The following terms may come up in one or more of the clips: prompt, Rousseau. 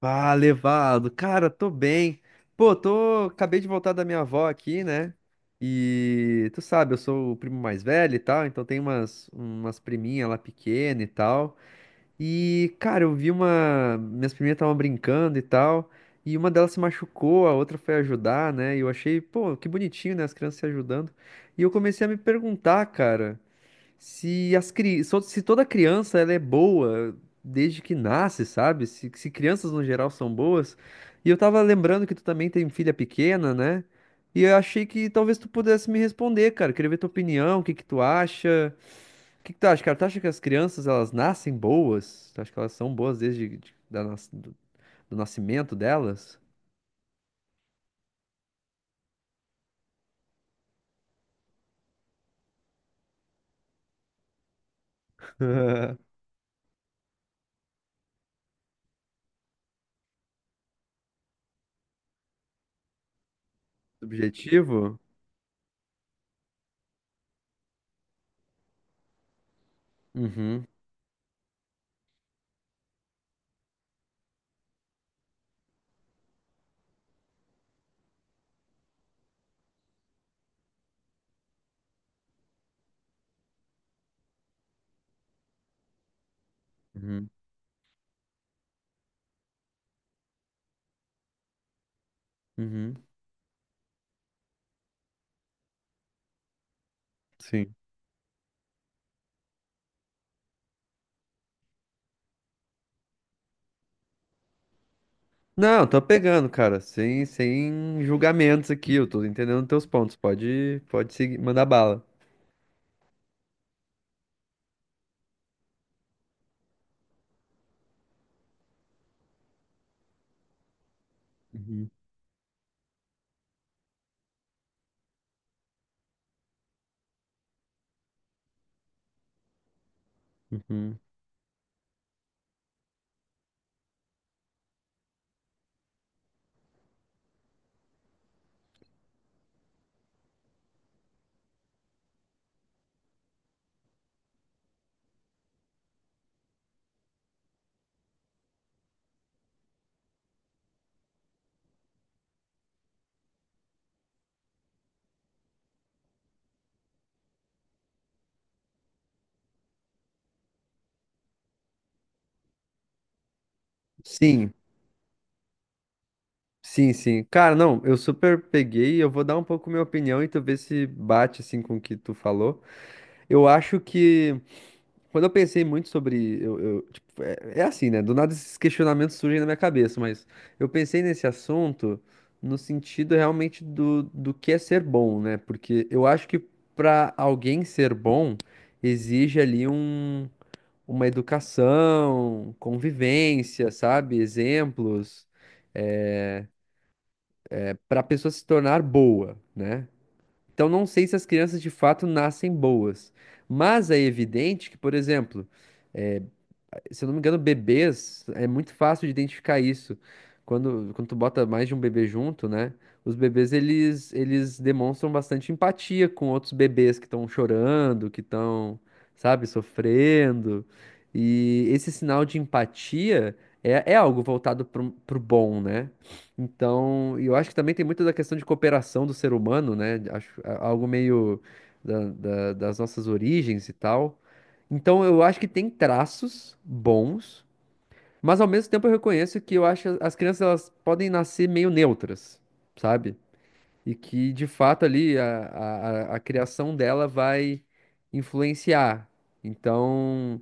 Ah, levado. Cara, tô bem. Pô, tô. Acabei de voltar da minha avó aqui, né? E tu sabe, eu sou o primo mais velho e tal, então tem umas priminhas lá pequena e tal. E, cara, eu vi uma. Minhas priminhas estavam brincando e tal. E uma delas se machucou, a outra foi ajudar, né? E eu achei, pô, que bonitinho, né? As crianças se ajudando. E eu comecei a me perguntar, cara. Se toda criança ela é boa desde que nasce, sabe? Se crianças no geral são boas. E eu tava lembrando que tu também tem filha pequena, né? E eu achei que talvez tu pudesse me responder, cara. Queria ver tua opinião, o que que tu acha? O que que tu acha, cara? Tu acha que as crianças elas nascem boas? Tu acha que elas são boas desde de- da nas- do, do nascimento delas? Subjetivo? Uhum, uhum, uhum. Sim. Não, tô pegando, cara, sem julgamentos aqui, eu tô entendendo teus pontos. Pode seguir, mandar bala. Uhum, uhum. Sim, sim, sim. Cara, não, eu super peguei, eu vou dar um pouco minha opinião e tu vê se bate assim com o que tu falou. Eu acho que quando eu pensei muito sobre. Tipo, é, é assim, né? Do nada esses questionamentos surgem na minha cabeça, mas eu pensei nesse assunto no sentido realmente do que é ser bom, né? Porque eu acho que para alguém ser bom, exige ali um, uma educação, convivência, sabe? Exemplos, é, para a pessoa se tornar boa, né? Então não sei se as crianças de fato nascem boas, mas é evidente que, por exemplo. É, se eu não me engano, bebês, é muito fácil de identificar isso. Quando tu bota mais de um bebê junto, né? Os bebês, eles demonstram bastante empatia com outros bebês que estão chorando, que estão, sabe, sofrendo. E esse sinal de empatia é, é algo voltado pro bom, né? Então, e eu acho que também tem muito da questão de cooperação do ser humano, né? Acho algo meio das nossas origens e tal. Então eu acho que tem traços bons, mas ao mesmo tempo eu reconheço que eu acho que as crianças elas podem nascer meio neutras, sabe? E que de fato ali a criação dela vai influenciar. Então,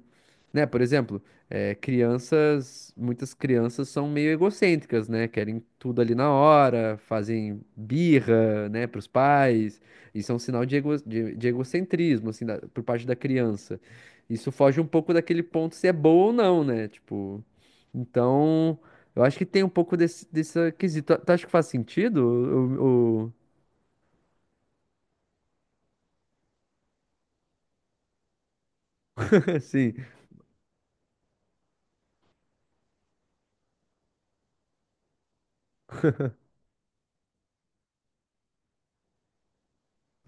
né, por exemplo, crianças, muitas crianças são meio egocêntricas, né? Querem tudo ali na hora, fazem birra, né, para os pais. Isso é um sinal de ego, de egocentrismo, assim, por parte da criança. Isso foge um pouco daquele ponto se é boa ou não, né? Tipo, então, eu acho que tem um pouco desse quesito. Tu acha que faz sentido? Sim,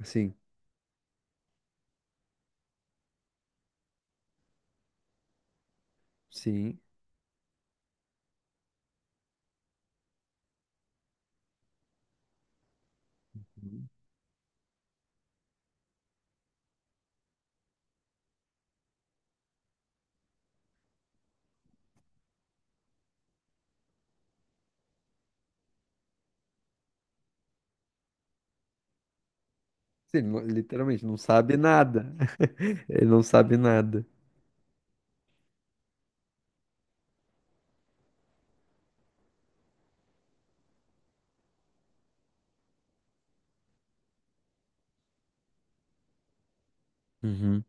sim, sim. Sim, não, literalmente, não sabe nada. Ele não sabe nada. Uhum.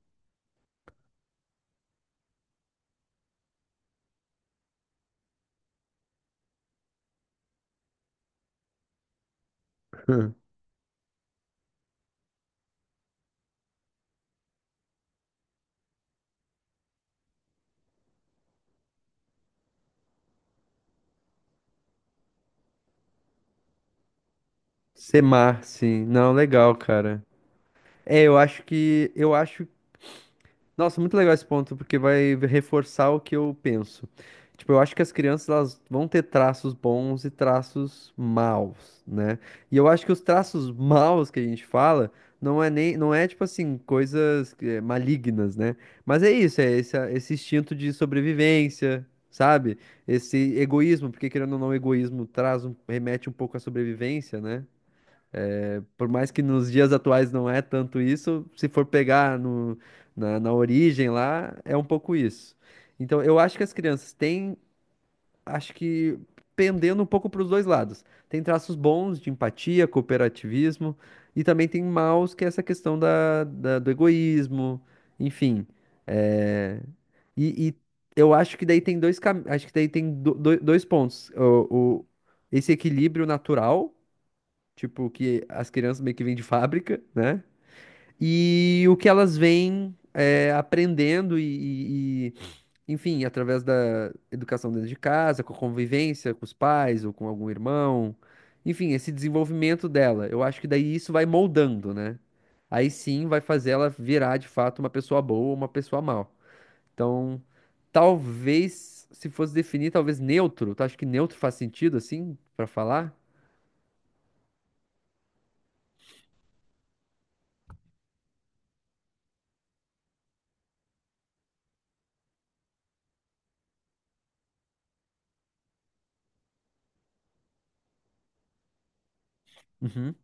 Sim. Não, legal, cara. É, eu acho. Nossa, muito legal esse ponto, porque vai reforçar o que eu penso. Tipo, eu acho que as crianças elas vão ter traços bons e traços maus, né? E eu acho que os traços maus que a gente fala não é nem, não é tipo assim, coisas malignas, né? Mas é isso, é esse instinto de sobrevivência, sabe? Esse egoísmo, porque querendo ou não, o egoísmo traz um, remete um pouco à sobrevivência, né? Por mais que nos dias atuais não é tanto isso, se for pegar no, na, na origem lá, é um pouco isso. Então, eu acho que as crianças têm, acho que pendendo um pouco para os dois lados. Tem traços bons de empatia, cooperativismo, e também tem maus, que é essa questão do egoísmo, enfim. É, e eu acho que daí tem acho que daí tem dois pontos. Esse equilíbrio natural. Tipo, que as crianças meio que vêm de fábrica, né? E o que elas vêm é aprendendo enfim, através da educação dentro de casa, com a convivência com os pais ou com algum irmão. Enfim, esse desenvolvimento dela. Eu acho que daí isso vai moldando, né? Aí sim vai fazer ela virar de fato uma pessoa boa ou uma pessoa mal. Então, talvez, se fosse definir, talvez neutro. Tu acha que neutro faz sentido assim, pra falar? Uhum,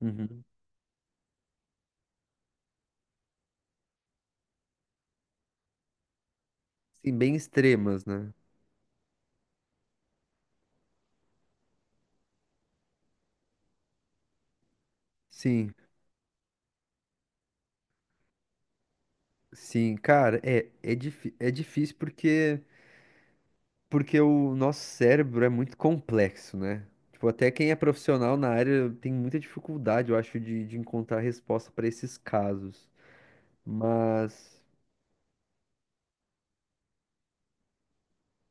uhum. Sim, bem extremas, né? Sim, sim, cara, é difícil porque, porque o nosso cérebro é muito complexo, né? Tipo, até quem é profissional na área tem muita dificuldade, eu acho, de encontrar resposta para esses casos. Mas,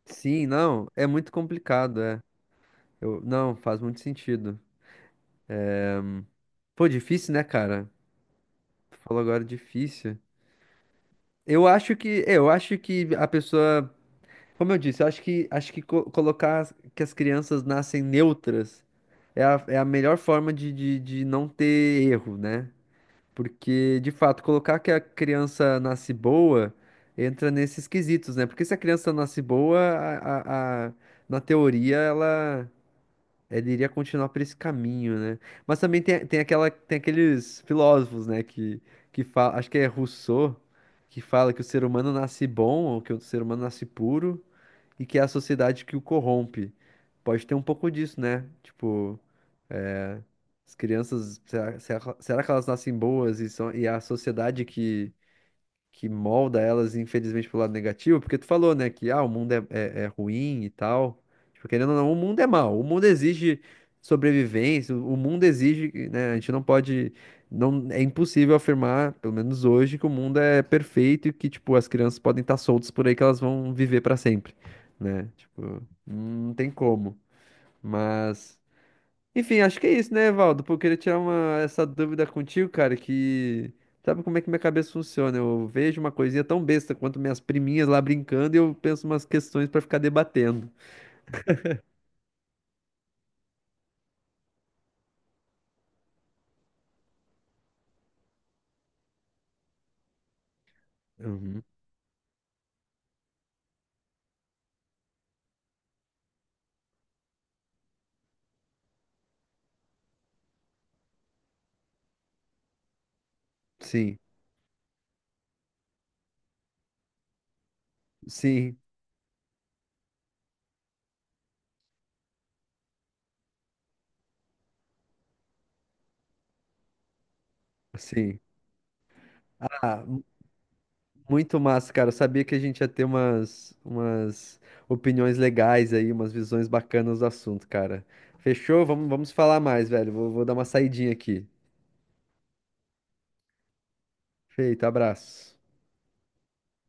sim, não, é muito complicado, é. Eu, não, faz muito sentido. Pô, difícil, né, cara? Tu falou agora difícil. Eu acho que, é, eu acho que a pessoa. Como eu disse, eu acho que colocar que as crianças nascem neutras é a, é a melhor forma de não ter erro, né? Porque, de fato, colocar que a criança nasce boa entra nesses quesitos, né? Porque se a criança nasce boa, na teoria, ela iria continuar por esse caminho, né? Mas também tem aqueles filósofos, né? Que fala, acho que é Rousseau, que fala que o ser humano nasce bom ou que o ser humano nasce puro e que é a sociedade que o corrompe. Pode ter um pouco disso, né? Tipo, é, as crianças, será que elas nascem boas e são, e é a sociedade que molda elas, infelizmente, pro lado negativo, porque tu falou, né, que ah, o mundo é ruim e tal. Tipo, querendo ou não, o mundo é mau, o mundo exige sobrevivência, o mundo exige, né, a gente não pode, não, é impossível afirmar, pelo menos hoje, que o mundo é perfeito e que, tipo, as crianças podem estar soltas por aí que elas vão viver para sempre, né? Tipo, não tem como, mas... Enfim, acho que é isso, né, Evaldo? Pô, eu queria tirar uma, essa dúvida contigo, cara, que sabe como é que minha cabeça funciona? Eu vejo uma coisinha tão besta quanto minhas priminhas lá brincando e eu penso umas questões pra ficar debatendo. Uhum. Sim, sim, sim. Ah, muito massa, cara. Eu sabia que a gente ia ter umas opiniões legais aí, umas visões bacanas do assunto, cara. Fechou? Vamos falar mais, velho. Vou dar uma saidinha aqui. Feito, abraço.